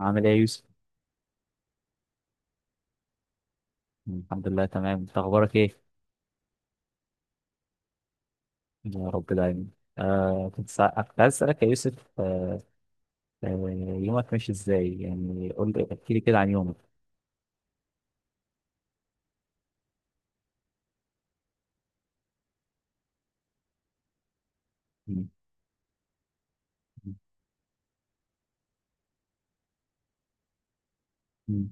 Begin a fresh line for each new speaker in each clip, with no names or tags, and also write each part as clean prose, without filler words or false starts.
عامل ايه يا يوسف؟ الحمد لله تمام، انت اخبارك ايه؟ يا رب دايما. كنت عايز اسالك يا يوسف آه يومك ماشي ازاي؟ يعني قول لي احكي لي كده عن يومك. مم. مم.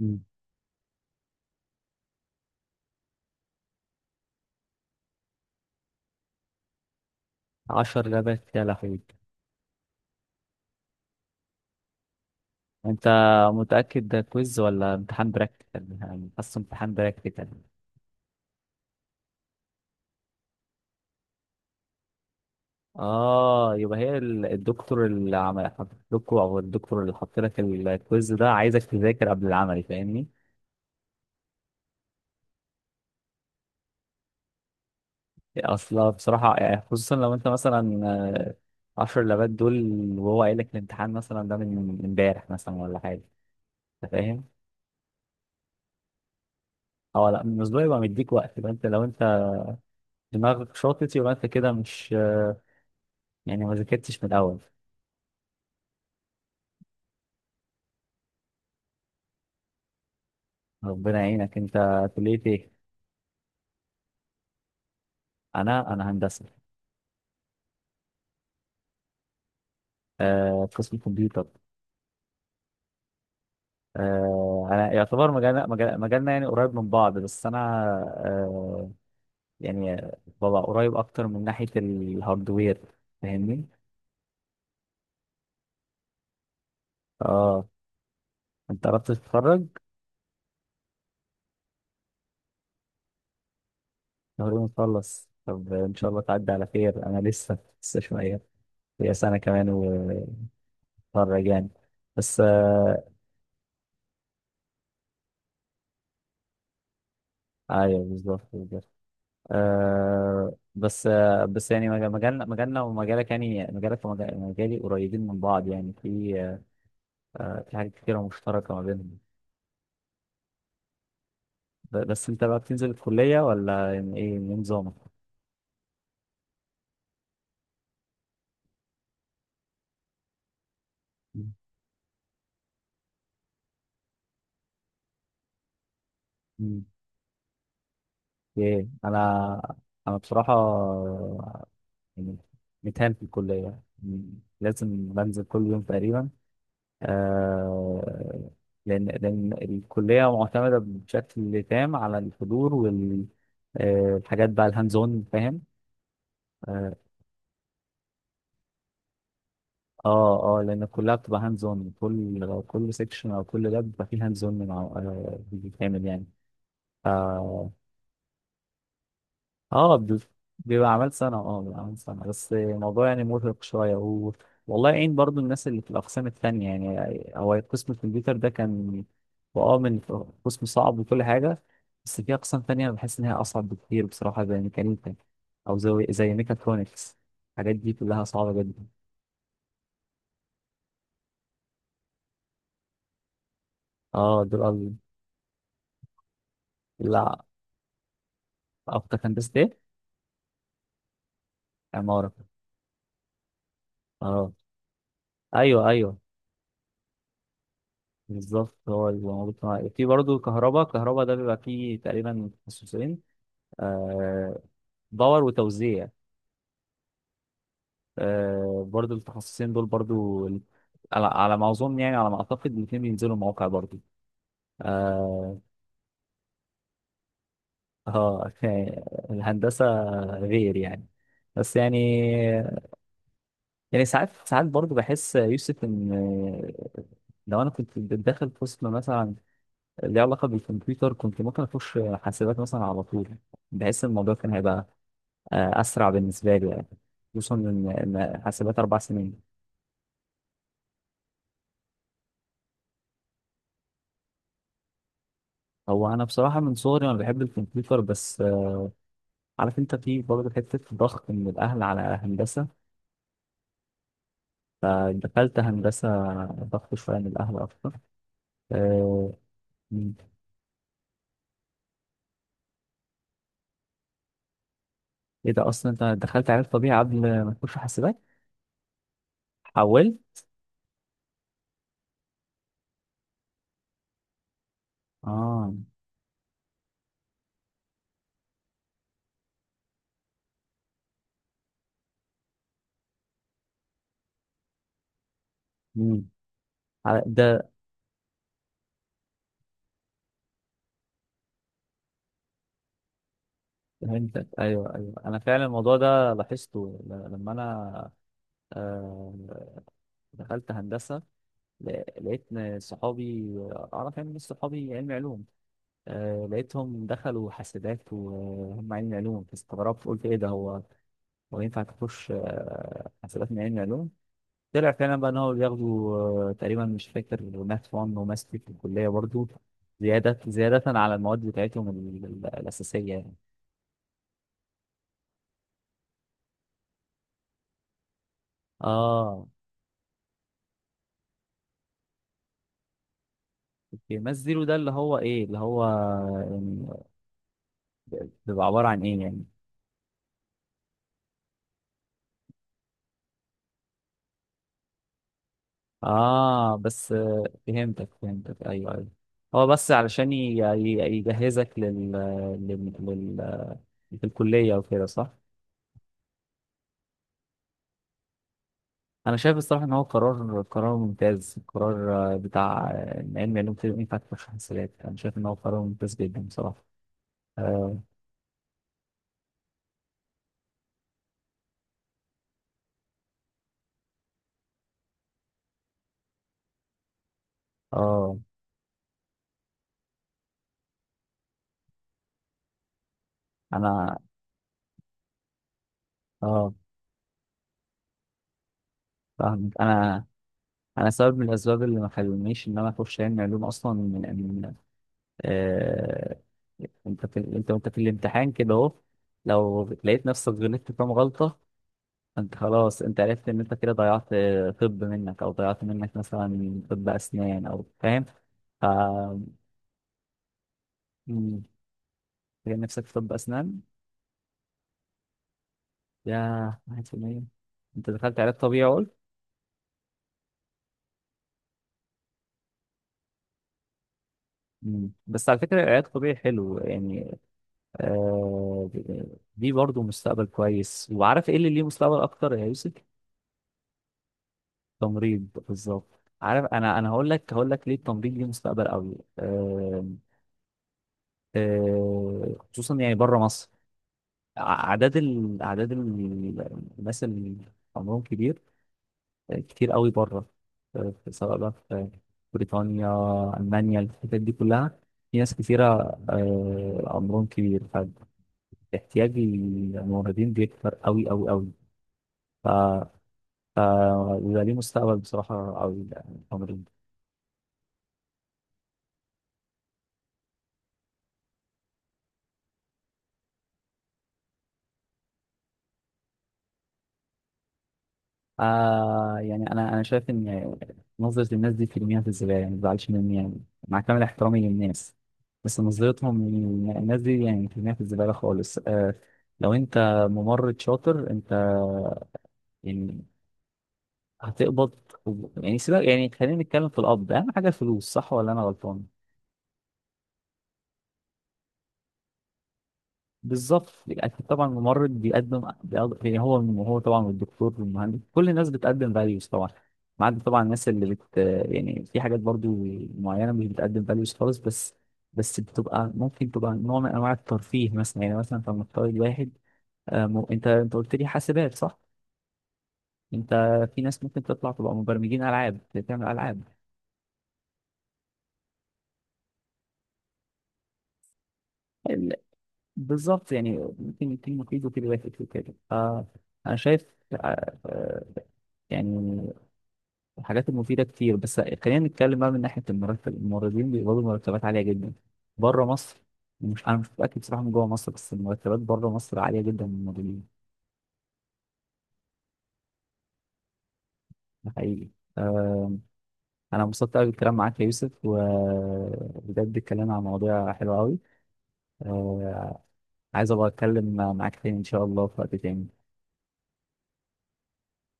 مم. عشر لبات يا لهوي! انت متأكد ده كويز ولا امتحان براكتيكال؟ يعني حاسه امتحان براكتيكال. اه، يبقى هي الدكتور اللي حط لكوا او الدكتور اللي حط لك الكويز ده عايزك تذاكر قبل العمل، فاهمني؟ اصلا بصراحة يعني خصوصا لو انت مثلا، عشر لبات دول وهو قايل لك الامتحان مثلا ده من امبارح مثلا ولا حاجة، انت فاهم؟ اه لا، من اسبوع يبقى مديك وقت، يبقى انت، لو انت دماغك شاطت يبقى انت كده مش. يعني ما ذاكرتش من الاول. ربنا يعينك. انت كلية ايه؟ انا هندسة. قسم كمبيوتر. انا يعتبر مجالنا مجالنا يعني قريب من بعض، بس انا آه يعني ببقى قريب اكتر من ناحية الهاردوير، فاهمني؟ اه، انت قربت تتخرج. تقريبا نخلص. طب ان شاء الله تعدي على خير. انا لسه شويه. هي سنه كمان واتخرج يعني، بس. ايوه بالظبط بالظبط. بس يعني مجالنا ومجالك، يعني مجالك ومجالي قريبين من بعض، يعني في في حاجات كتيره مشتركه ما بينهم. بس انت بقى بتنزل الكليه، ولا يعني إيه نظامك؟ مم. ايه، انا بصراحه يعني متهان في الكلية، يعني لازم بنزل كل يوم تقريبا. آه لأن الكلية معتمدة بشكل تام على الحضور وال آه، الحاجات بقى الهاند اون، فاهم؟ اه اه، لأن كلها بتبقى هاند اون، كل سيكشن أو كل لاب بيبقى فيه هاند اون بيتعمل يعني. ف اه، بيبقى عمل سنة، بيبقى عمل سنة، بس الموضوع يعني مرهق شوية. والله يعين برضو الناس اللي في الأقسام التانية. يعني هو قسم الكمبيوتر ده كان هو من قسم صعب وكل حاجة، بس في أقسام تانية أنا بحس إن هي أصعب بكتير بصراحة، زي ميكانيكا أو زي ميكاترونكس، الحاجات دي كلها صعبة جدا. اه، لا، أكتر هندسة إيه؟ عمارة. اه أيوه أيوه بالظبط. هو اللي موجود في برضه كهرباء. كهرباء ده بيبقى فيه تقريبا تخصصين آه، باور وتوزيع. برضو التخصصين دول برضو على ما اظن، يعني على ما اعتقد الاثنين بينزلوا مواقع برضو. اه. يعني الهندسه غير يعني، بس يعني ساعات ساعات برضو بحس يوسف ان آه، لو انا كنت داخل قسم مثلا ليه علاقه بالكمبيوتر كنت ممكن اخش حاسبات مثلا على طول. بحس الموضوع كان هيبقى اسرع بالنسبه لي يعني، خصوصا إن حاسبات اربع سنين. هو انا بصراحه من صغري انا بحب الكمبيوتر، بس عارف انت في برضه حته ضغط من الاهل على هندسه، فدخلت هندسه. ضغط شويه من الاهل اكتر. آه، مم. ايه ده، اصلا انت دخلت علم طبيعي قبل ما تخش حاسبات؟ حولت. اه. مم. ده فهمتك، ايوه ايوه، انا فعلا الموضوع ده لاحظته لما انا آه، دخلت هندسه، لقيت إن صحابي اعرف يعني ناس صحابي علمي علوم. لقيتهم دخلوا حاسبات وهم علم علوم، فاستغربت قلت ايه ده، هو ينفع تخش حاسبات من علم علوم؟ طلع فعلا بقى ان هو بياخدوا تقريبا مش فاكر ماث 1 وماث 2 في الكليه برضو، زياده زياده على المواد بتاعتهم الاساسيه يعني. اه. اوكي ماث زيرو ده اللي هو ايه؟ اللي هو يعني بيبقى عباره عن ايه يعني؟ اه بس، فهمتك فهمتك، ايوه ايوه. هو بس علشان يجهزك في الكلية وكده، صح؟ أنا شايف الصراحة إن هو قرار ممتاز، قرار بتاع إن علم علوم طب ينفع تخش حاسبات. أنا شايف إن هو قرار ممتاز جدا بصراحة. آه آه أنا آه فاهمك. أنا سبب من الأسباب اللي ما خلونيش إن أنا أخش علم علوم أصلا، من من آه أنت في أنت وأنت في الامتحان كده أهو، لو لقيت نفسك غلطت كام غلطة، انت خلاص انت عرفت ان انت كده ضيعت طب منك، او ضيعت منك مثلا طب اسنان، او فاهم؟ ف مم، تلاقي نفسك في طب اسنان. يا، واحد في المية؟ انت دخلت علاج طبيعي قلت. مم. بس على فكرة العلاج الطبيعي حلو يعني. آه دي برضه مستقبل كويس. وعارف ايه اللي ليه مستقبل اكتر يا يوسف؟ تمريض بالظبط. عارف، انا هقول لك ليه التمريض ليه مستقبل قوي. خصوصا يعني بره مصر، اعداد الناس اللي عمرهم كبير، كتير قوي بره. سواء بقى في بريطانيا، المانيا، الحتت دي كلها في ناس كتيره عمرهم كبير، فاحتياج الموردين بيكتر قوي قوي قوي. ف ف ويبقى ليه مستقبل بصراحه قوي يعني. يعني انا شايف ان نظره الناس دي في المياه في الزباله، يعني ما تزعلش مني يعني، مع كامل احترامي للناس، بس نظرتهم إن الناس دي يعني في المياه في الزباله خالص. لو انت ممرض شاطر انت يعني هتقبض، يعني سيبك يعني خلينا نتكلم في القبض، اهم حاجه الفلوس، صح ولا انا غلطان؟ بالظبط. أكيد طبعا الممرض يعني هو طبعا، والدكتور والمهندس كل الناس بتقدم فاليوز طبعا، ما عدا طبعا الناس اللي يعني في حاجات برضو معينه مش بتقدم فاليوز خالص، بس بتبقى ممكن تبقى نوع من انواع الترفيه مثلا، يعني مثلا فلنفترض واحد انت قلت لي حاسبات صح؟ انت، في ناس ممكن تطلع تبقى مبرمجين العاب، تعمل العاب. ال- بالظبط، يعني ممكن يكون مفيد وكده واحد وكده، فانا شايف آه، آه، يعني الحاجات المفيدة كتير. بس خلينا نتكلم بقى من ناحية المرتب، الممرضين بيقبضوا مرتبات عالية جدا بره مصر. مش أنا مش متأكد بصراحة من جوه مصر، بس المرتبات بره مصر عالية جدا من الممرضين. ده حقيقي. آه، أنا انبسطت أوي بالكلام معاك يا يوسف، وبجد الكلام عن مواضيع حلوة أوي. آه، عايز أبقى أتكلم معاك تاني إن شاء الله في وقت تاني.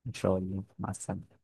إن شاء الله، مع السلامة.